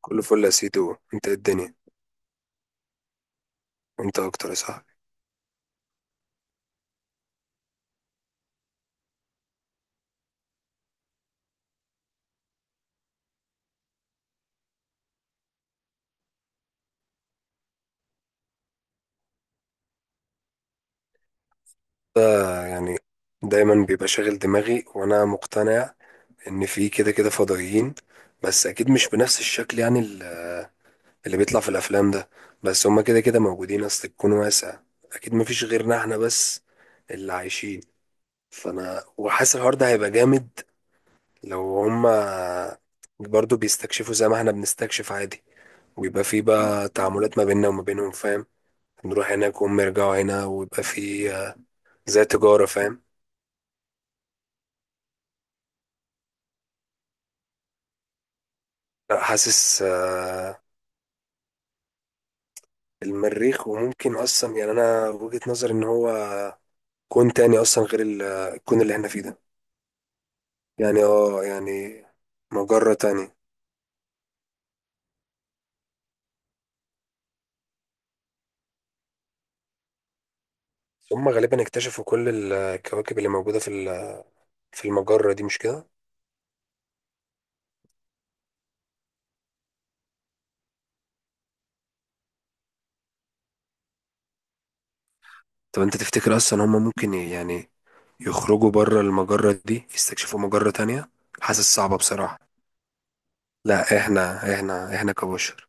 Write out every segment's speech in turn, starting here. كله فل يا سيدو، انت ايه الدنيا. وانت اكتر يا صاحبي. ده يعني دايما بيبقى شاغل دماغي وانا مقتنع ان في كده كده فضائيين، بس اكيد مش بنفس الشكل يعني اللي بيطلع في الافلام ده. بس هما كده كده موجودين، اصل الكون واسع، اكيد مفيش غيرنا احنا بس اللي عايشين. فانا وحاسس الحوار ده هيبقى جامد لو هما برضو بيستكشفوا زي ما احنا بنستكشف عادي، ويبقى في بقى تعاملات ما بيننا وما بينهم، فاهم؟ نروح هناك وهم يرجعوا هنا ويبقى في زي تجارة، فاهم؟ لا حاسس المريخ. وممكن أصلا يعني أنا وجهة نظري إن هو كون تاني أصلا غير الكون اللي احنا فيه ده. يعني اه يعني مجرة تانية. هم غالبا اكتشفوا كل الكواكب اللي موجودة في في المجرة دي، مش كده؟ طب أنت تفتكر أصلا هم ممكن يعني يخرجوا بره المجرة دي يستكشفوا مجرة تانية؟ حاسس صعبة بصراحة. لا احنا احنا كبشر.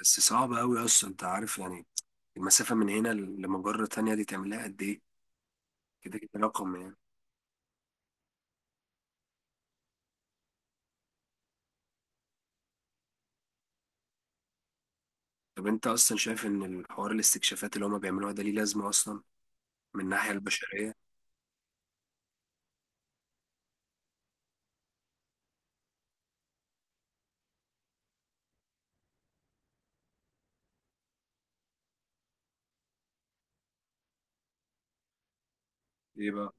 بس صعب قوي اصلا، انت عارف يعني المسافة من هنا لمجرة تانية دي تعملها قد ايه؟ كده كده رقم يعني. طب انت اصلا شايف ان الحوار الاستكشافات اللي هما بيعملوها ده ليه لازمة اصلا، من الناحية البشرية؟ ايه بقى؟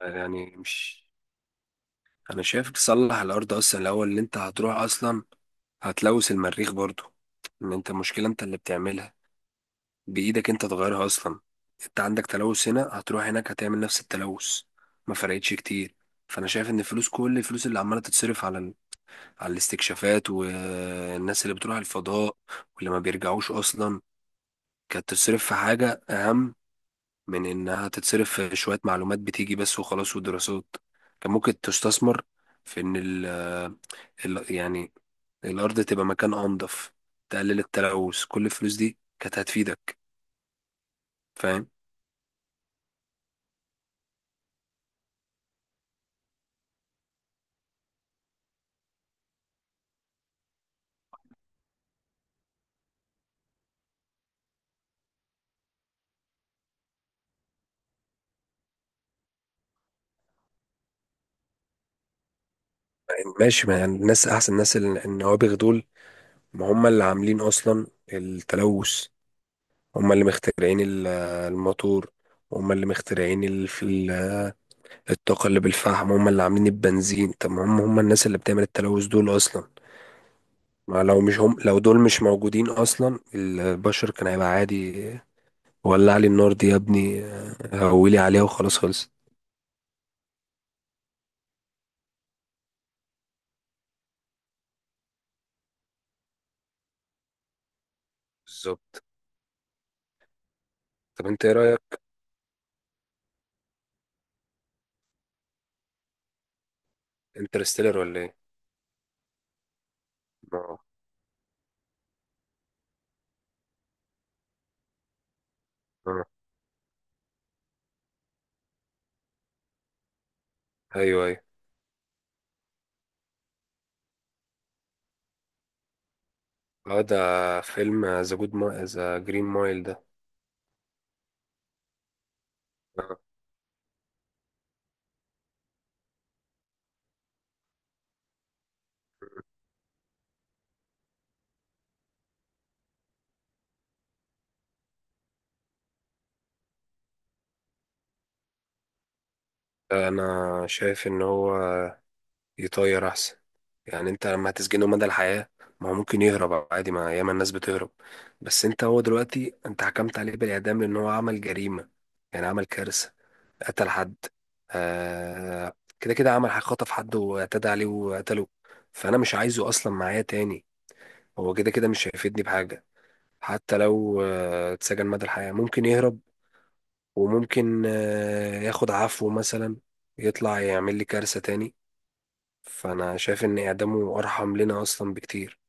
يعني مش، انا شايف تصلح الارض اصلا الاول. ان انت هتروح اصلا هتلوث المريخ برضو. ان انت المشكلة انت اللي بتعملها بايدك، انت تغيرها اصلا. انت عندك تلوث هنا، هتروح هناك هتعمل نفس التلوث، ما فرقتش كتير. فانا شايف ان الفلوس، كل الفلوس اللي عمالة تتصرف على الاستكشافات والناس اللي بتروح الفضاء واللي ما بيرجعوش أصلا، كانت تتصرف في حاجة أهم من إنها تتصرف في شوية معلومات بتيجي بس وخلاص ودراسات. كان ممكن تستثمر في إن ال- يعني الأرض تبقى مكان أنظف، تقلل التلوث. كل الفلوس دي كانت هتفيدك، فاهم؟ ماشي، ما يعني الناس أحسن ناس النوابغ دول، ما هم اللي عاملين أصلا التلوث. هم اللي مخترعين الموتور، هم اللي مخترعين الطاقة اللي بالفحم، هم اللي عاملين البنزين. طب ما هم هم الناس اللي بتعمل التلوث دول أصلا. ما لو مش هم، لو دول مش موجودين أصلا البشر كان هيبقى عادي. ولع لي النار دي يا ابني، هولي عليها وخلاص خلص. بالظبط. طب انت ايه رأيك، انترستيلر ولا ايه؟ اه. اه. ايوه ايوه. اه ده فيلم ذا جود، ما ذا جرين مايل ده. آه. انا شايف ان هو يطير احسن، يعني انت لما هتسجنه مدى الحياة، ما هو ممكن يهرب عادي، ما ياما الناس بتهرب. بس انت هو دلوقتي انت حكمت عليه بالاعدام لان هو عمل جريمة، يعني عمل كارثة، قتل حد. آه كده كده عمل حاجة، خطف حد واعتدى عليه وقتله. فانا مش عايزه اصلا معايا تاني، هو كده كده مش هيفيدني بحاجة. حتى لو اتسجن مدى الحياة ممكن يهرب، وممكن ياخد عفو مثلا، يطلع يعمل لي كارثة تاني. فانا شايف ان اعدامه ارحم لنا اصلا بكتير.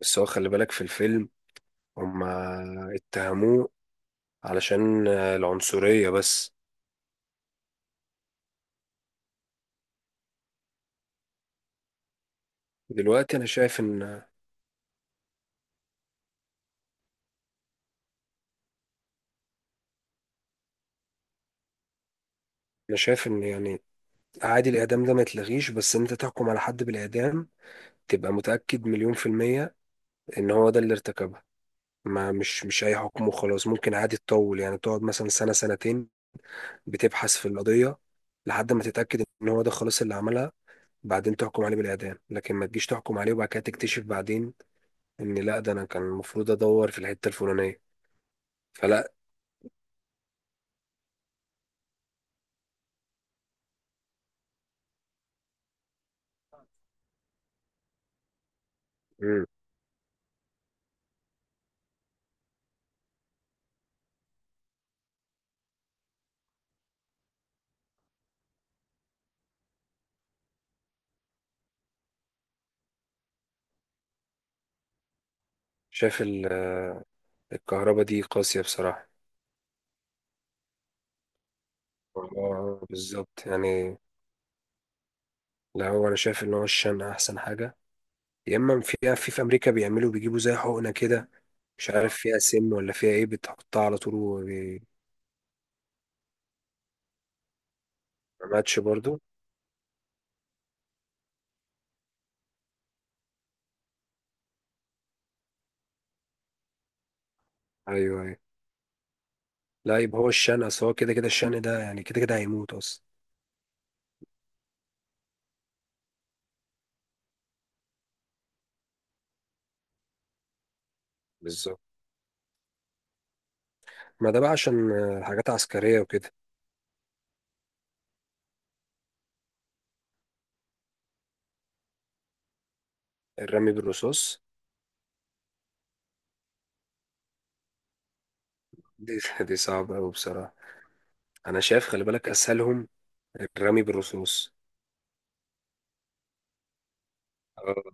بس هو خلي بالك في الفيلم، هما اتهموه علشان العنصرية بس. دلوقتي انا شايف ان يعني عادي الاعدام ده ما يتلغيش، بس انت تحكم على حد بالاعدام تبقى متأكد مليون في المية ان هو ده اللي ارتكبها. ما مش اي حكم وخلاص، ممكن عادي تطول، يعني تقعد مثلا سنة سنتين بتبحث في القضية لحد ما تتأكد ان هو ده خلاص اللي عملها، بعدين تحكم عليه بالإعدام. لكن ما تجيش تحكم عليه وبعد كده تكتشف بعدين ان لا، ده انا كان المفروض ادور في الحتة الفلانية. فلا. مم. شاف الكهرباء دي قاسية بصراحة. اه، بالظبط يعني. لا هو انا شايف ان هو الشن احسن حاجة. يا اما في امريكا بيعملوا بيجيبوا زي حقنة كده، مش عارف فيها سم ولا فيها ايه، بتحطها على طول وما ماتش برضو. ايوه ايوه، لا يبقى هو الشن، اصل هو كده كده الشن ده يعني كده كده هيموت اصلا. بالظبط، ما ده بقى عشان حاجات عسكرية وكده. الرمي بالرصاص، دي دي صعبة أوي بصراحة. انا شايف خلي بالك اسهلهم الرمي بالرصاص. اه،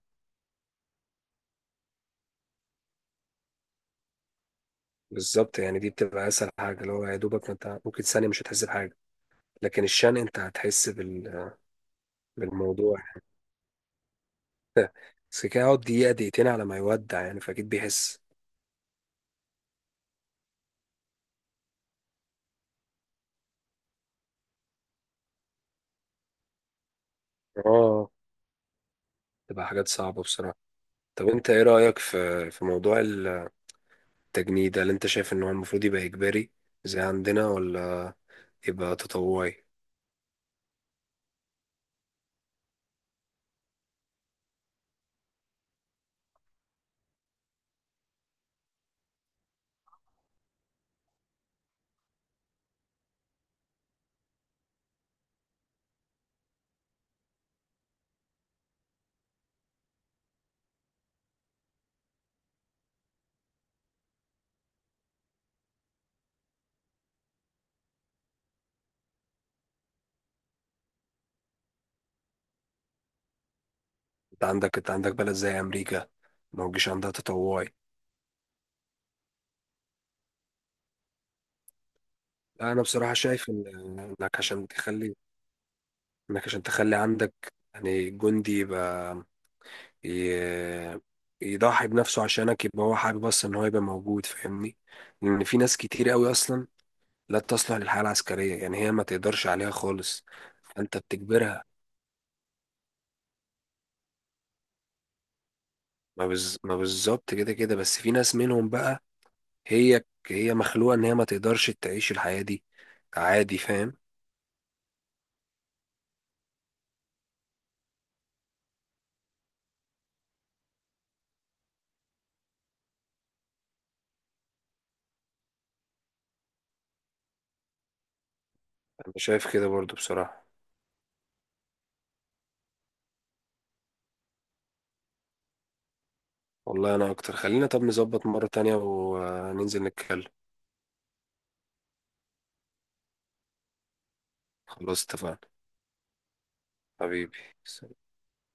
بالظبط يعني، دي بتبقى اسهل حاجه، اللي هو يا دوبك ما انت ممكن ثانيه مش هتحس بحاجه. لكن الشن انت هتحس بالموضوع. بس كده يقعد دقيقه دقيقتين على ما يودع يعني، فاكيد بيحس. اه، تبقى حاجات صعبه بصراحه. طب انت ايه رايك في موضوع التجنيد، هل انت شايف ان هو المفروض يبقى اجباري زي عندنا ولا يبقى تطوعي؟ انت عندك بلد زي امريكا، ما هوجيش عندها تطوعي. لا، انا بصراحه شايف ان، انك عشان تخلي انك عشان تخلي عندك يعني جندي يبقى ي- يضحي بنفسه عشانك، يبقى هو حابب اصلا ان هو يبقى موجود، فاهمني؟ لان في ناس كتير قوي اصلا لا تصلح للحياة العسكرية، يعني هي ما تقدرش عليها خالص. انت بتجبرها. ما بالظبط كده كده، بس في ناس منهم بقى هي مخلوقة ان هي ما تقدرش تعيش الحياة دي. عادي فاهم. انا شايف كده برضو بصراحة. والله انا اكتر، خلينا طب نظبط مرة تانية وننزل نتكلم. خلاص اتفقنا. حبيبي.